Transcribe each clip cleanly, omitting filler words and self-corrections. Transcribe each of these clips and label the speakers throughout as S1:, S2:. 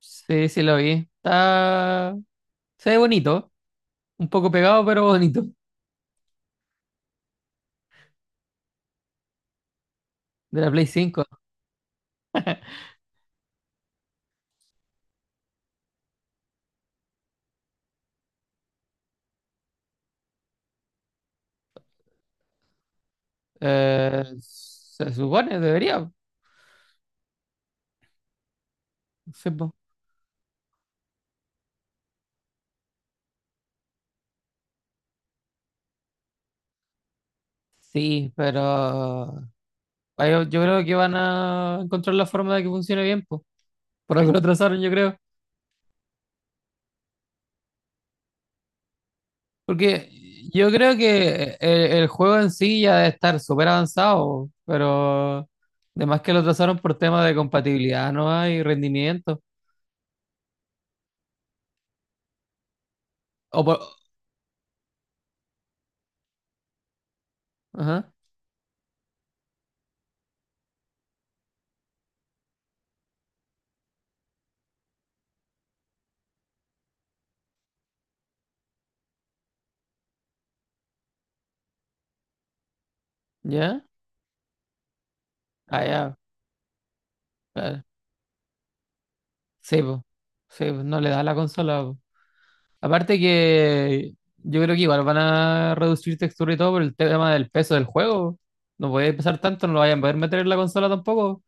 S1: Sí, sí lo vi. Está. Se ve bonito. Un poco pegado, pero bonito. De la Play 5. Se supone, debería. No sé, po. Sí, pero. Yo creo que van a encontrar la forma de que funcione bien, po. Por algo lo trazaron, yo creo. Porque yo creo que el juego en sí ya debe estar súper avanzado, pero. Además que lo trazaron por temas de compatibilidad, ¿no? Y rendimiento. O por. Ajá, ¿ya? Ah, ya. Claro. Sí, po. Sí, po, no le da la consola, po. Aparte que yo creo que igual van a reducir textura y todo por el tema del peso del juego. No puede pesar tanto, no lo vayan a poder meter en la consola tampoco.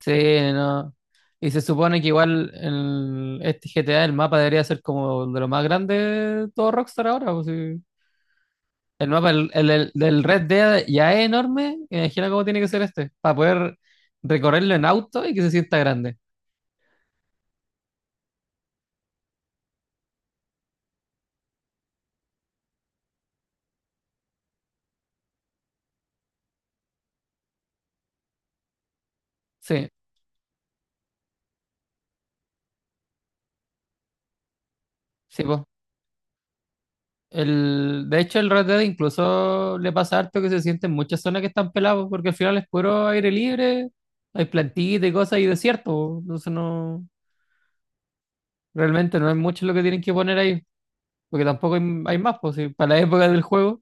S1: Sí, no. Y se supone que igual este GTA, el mapa debería ser como de lo más grande de todo Rockstar ahora, po, sí. El mapa del Red Dead ya es enorme. Imagina cómo tiene que ser este, para poder recorrerlo en auto y que se sienta grande. Sí, sí, pues. De hecho, el Red Dead incluso le pasa harto que se sienten muchas zonas que están pelados, porque al final es puro aire libre, hay plantitas y cosas y desierto, po. Entonces no, realmente no es mucho lo que tienen que poner ahí, porque tampoco hay, hay más, pues, si para la época del juego.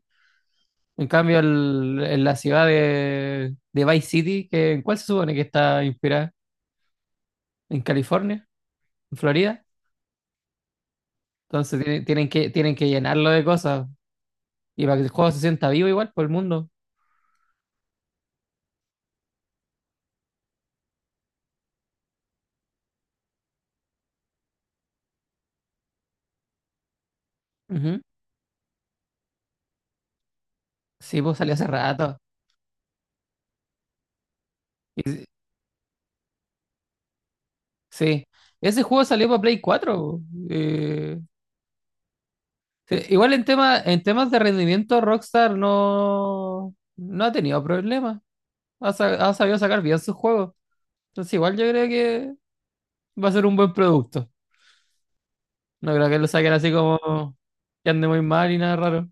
S1: En cambio, en la ciudad de Vice City, que, ¿en cuál se supone que está inspirada? ¿En California? ¿En Florida? Entonces tienen que llenarlo de cosas. Y para que el juego se sienta vivo igual por el mundo. Ujú. Sí, pues salió hace rato. Sí, ese juego salió para Play 4. eh, sí, igual en temas de rendimiento, Rockstar no ha tenido problemas. Ha sabido sacar bien sus juegos. Entonces, igual yo creo que va a ser un buen producto. No creo que lo saquen así como que ande muy mal y nada raro.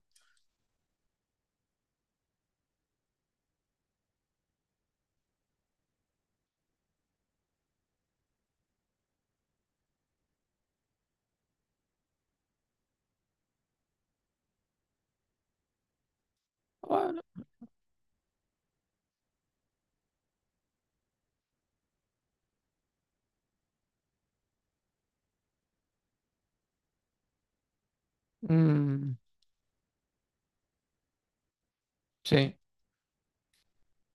S1: Bueno, mm, sí.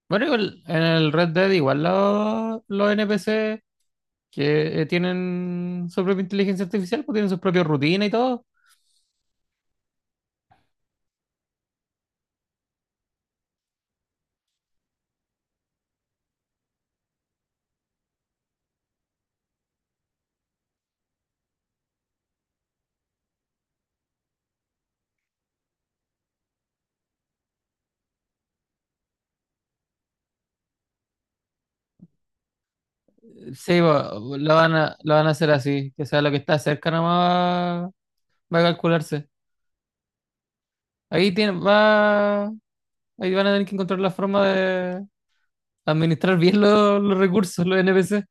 S1: Bueno, igual en el Red Dead, igual los NPC que tienen su propia inteligencia artificial, pues tienen sus propias rutinas y todo. Sí, lo van a hacer así, que sea lo que está cerca nomás va a calcularse. Ahí tiene, va, Ahí van a tener que encontrar la forma de administrar bien los recursos, los NPC.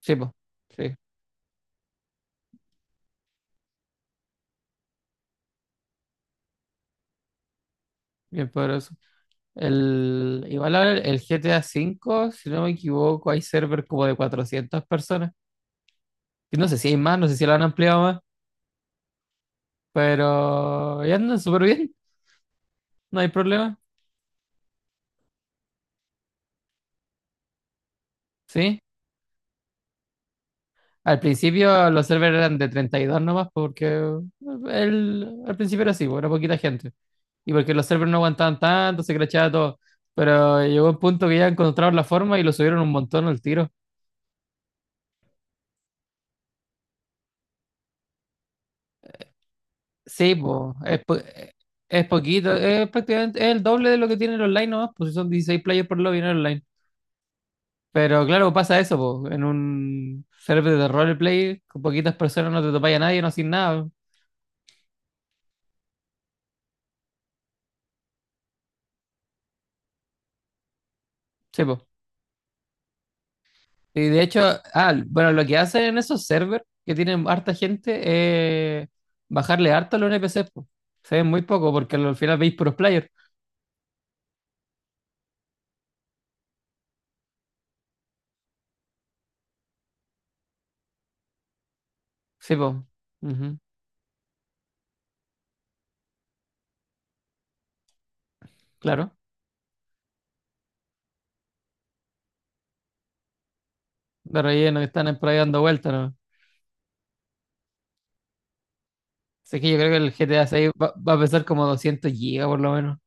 S1: Sí, po, sí, bien poderoso. Igual ahora el GTA V, si no me equivoco, hay server como de 400 personas. Y no sé si hay más, no sé si lo han ampliado más, pero ya andan súper bien, no hay problema. Sí, al principio los servers eran de 32 nomás porque al principio era así, pues, era poquita gente. Y porque los servers no aguantaban tanto, se crachaba todo. Pero llegó un punto que ya encontraron la forma y lo subieron un montón al tiro. Sí, pues, es poquito, es prácticamente es el doble de lo que tiene el online nomás, pues si son 16 players por lobby en el online. Pero claro, pasa eso, pues, en un server de roleplay con poquitas personas no te topáis a nadie, no haces nada. Sí, pues. Y de hecho, bueno, lo que hacen en esos servers que tienen harta gente es bajarle harto a los NPCs, po. Se ven muy poco porque al final veis puros players. Sí, pues. Claro. De relleno que están por ahí dando vueltas, ¿no? Así que yo creo que el GTA 6 va a pesar como 200 gigas por lo menos.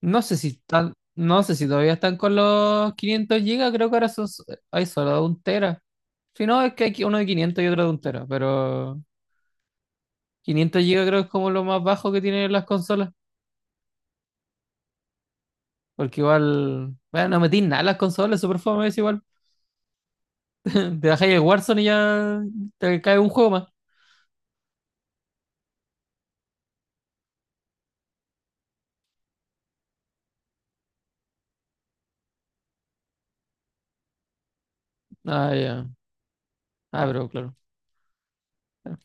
S1: No sé si están, no sé si todavía están con los 500 gigas, creo que ahora hay solo un tera. Si no, es que hay uno de 500 y otro de un tera, pero 500 gigas creo que es como lo más bajo que tienen las consolas. Porque igual, bueno, no metís nada en las consolas, super fome es igual. Te bajáis el Warzone y ya te cae un juego más. Ah, ya. Ah, pero claro.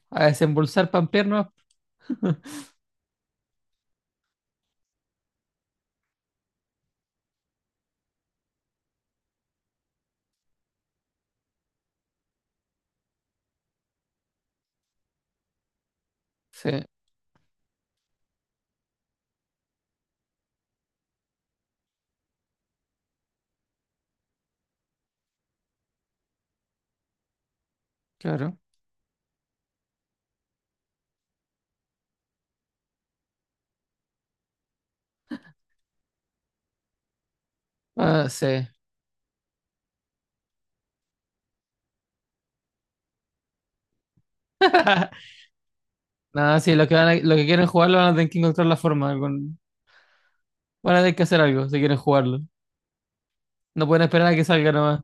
S1: A desembolsar pampear nomás. Sí, claro. Ah, sí. Nada, sí, los que quieren jugarlo van a tener que encontrar la forma. Van a tener que hacer algo si quieren jugarlo. No pueden esperar a que salga nomás.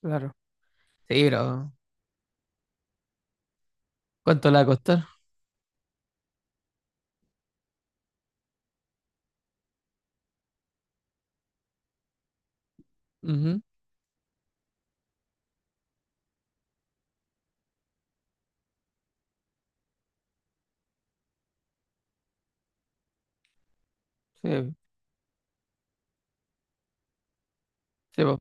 S1: Claro. Sí, pero ¿cuánto le va a costar? Ujú. Sí, sí, po.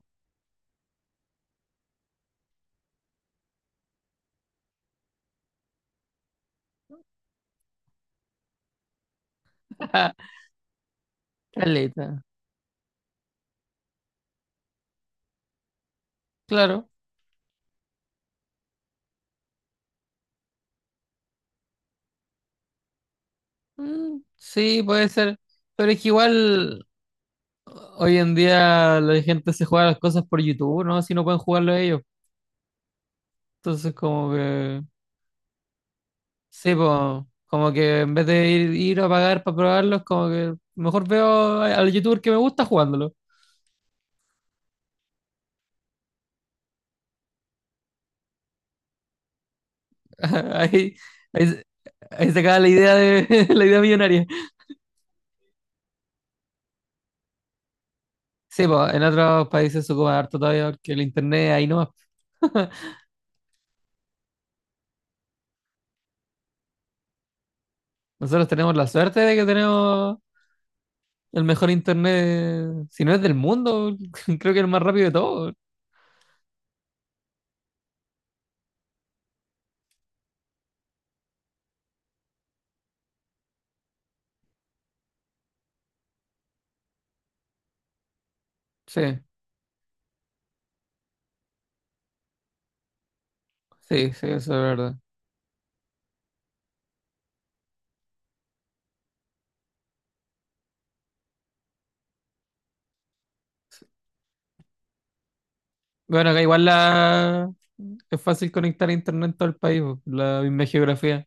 S1: Caleta. Claro. Mm, sí, puede ser. Pero es que igual. Hoy en día la gente se juega las cosas por YouTube, ¿no? Si no pueden jugarlo ellos. Entonces, como que, sí, po, como que en vez de ir a pagar para probarlos, como que mejor veo al youtuber que me gusta jugándolo. Ahí, ahí, se- Ahí se acaba la idea de la idea millonaria. Sí, pues en otros países se ocupa harto todavía porque el internet ahí no. Nosotros tenemos la suerte de que tenemos el mejor internet, si no es del mundo, creo que el más rápido de todos. Sí, sí, sí, eso es verdad. Bueno, acá igual la. Es fácil conectar a internet en todo el país, po, la misma geografía.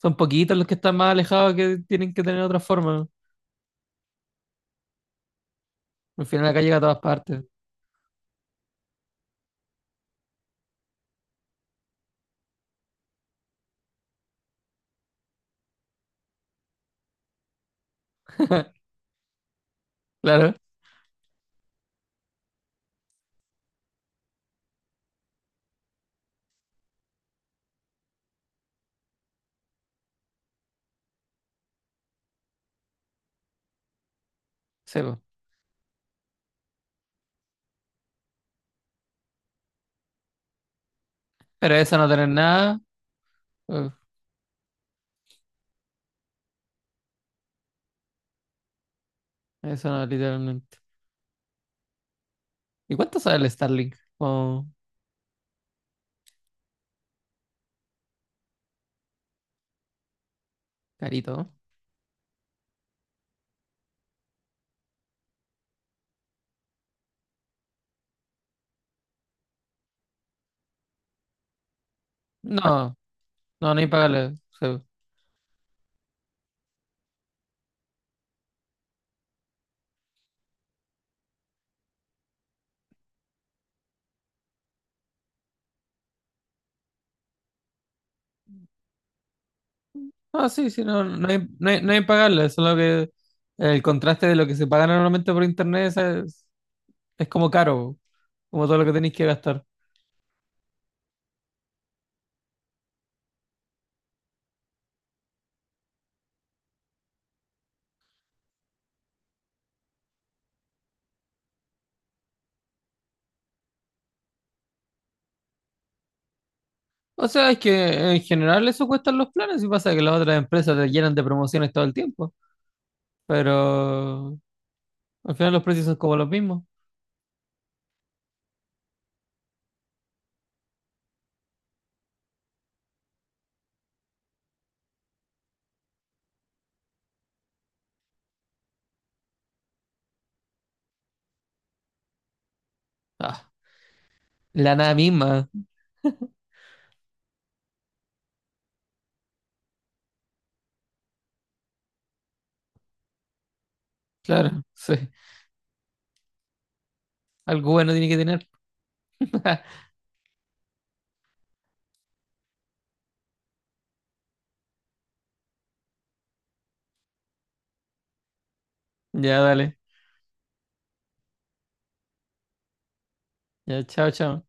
S1: Son poquitos los que están más alejados que tienen que tener otra forma. Al final acá llega a todas partes. Claro, sí, po. Pero eso no tener nada, uf, eso no, literalmente. ¿Y cuánto sale el Starlink? Como carito, ¿no? No, no, no hay pagarle, sí. No, sí, sí, no, no hay pagarle, solo que el contraste de lo que se paga normalmente por internet es como caro, como todo lo que tenéis que gastar. O sea, es que en general eso cuestan los planes y pasa que las otras empresas te llenan de promociones todo el tiempo, pero al final los precios son como los mismos. Ah, la nada misma, claro, sí. Algo bueno tiene que tener. Ya, dale. Ya, chao, chao.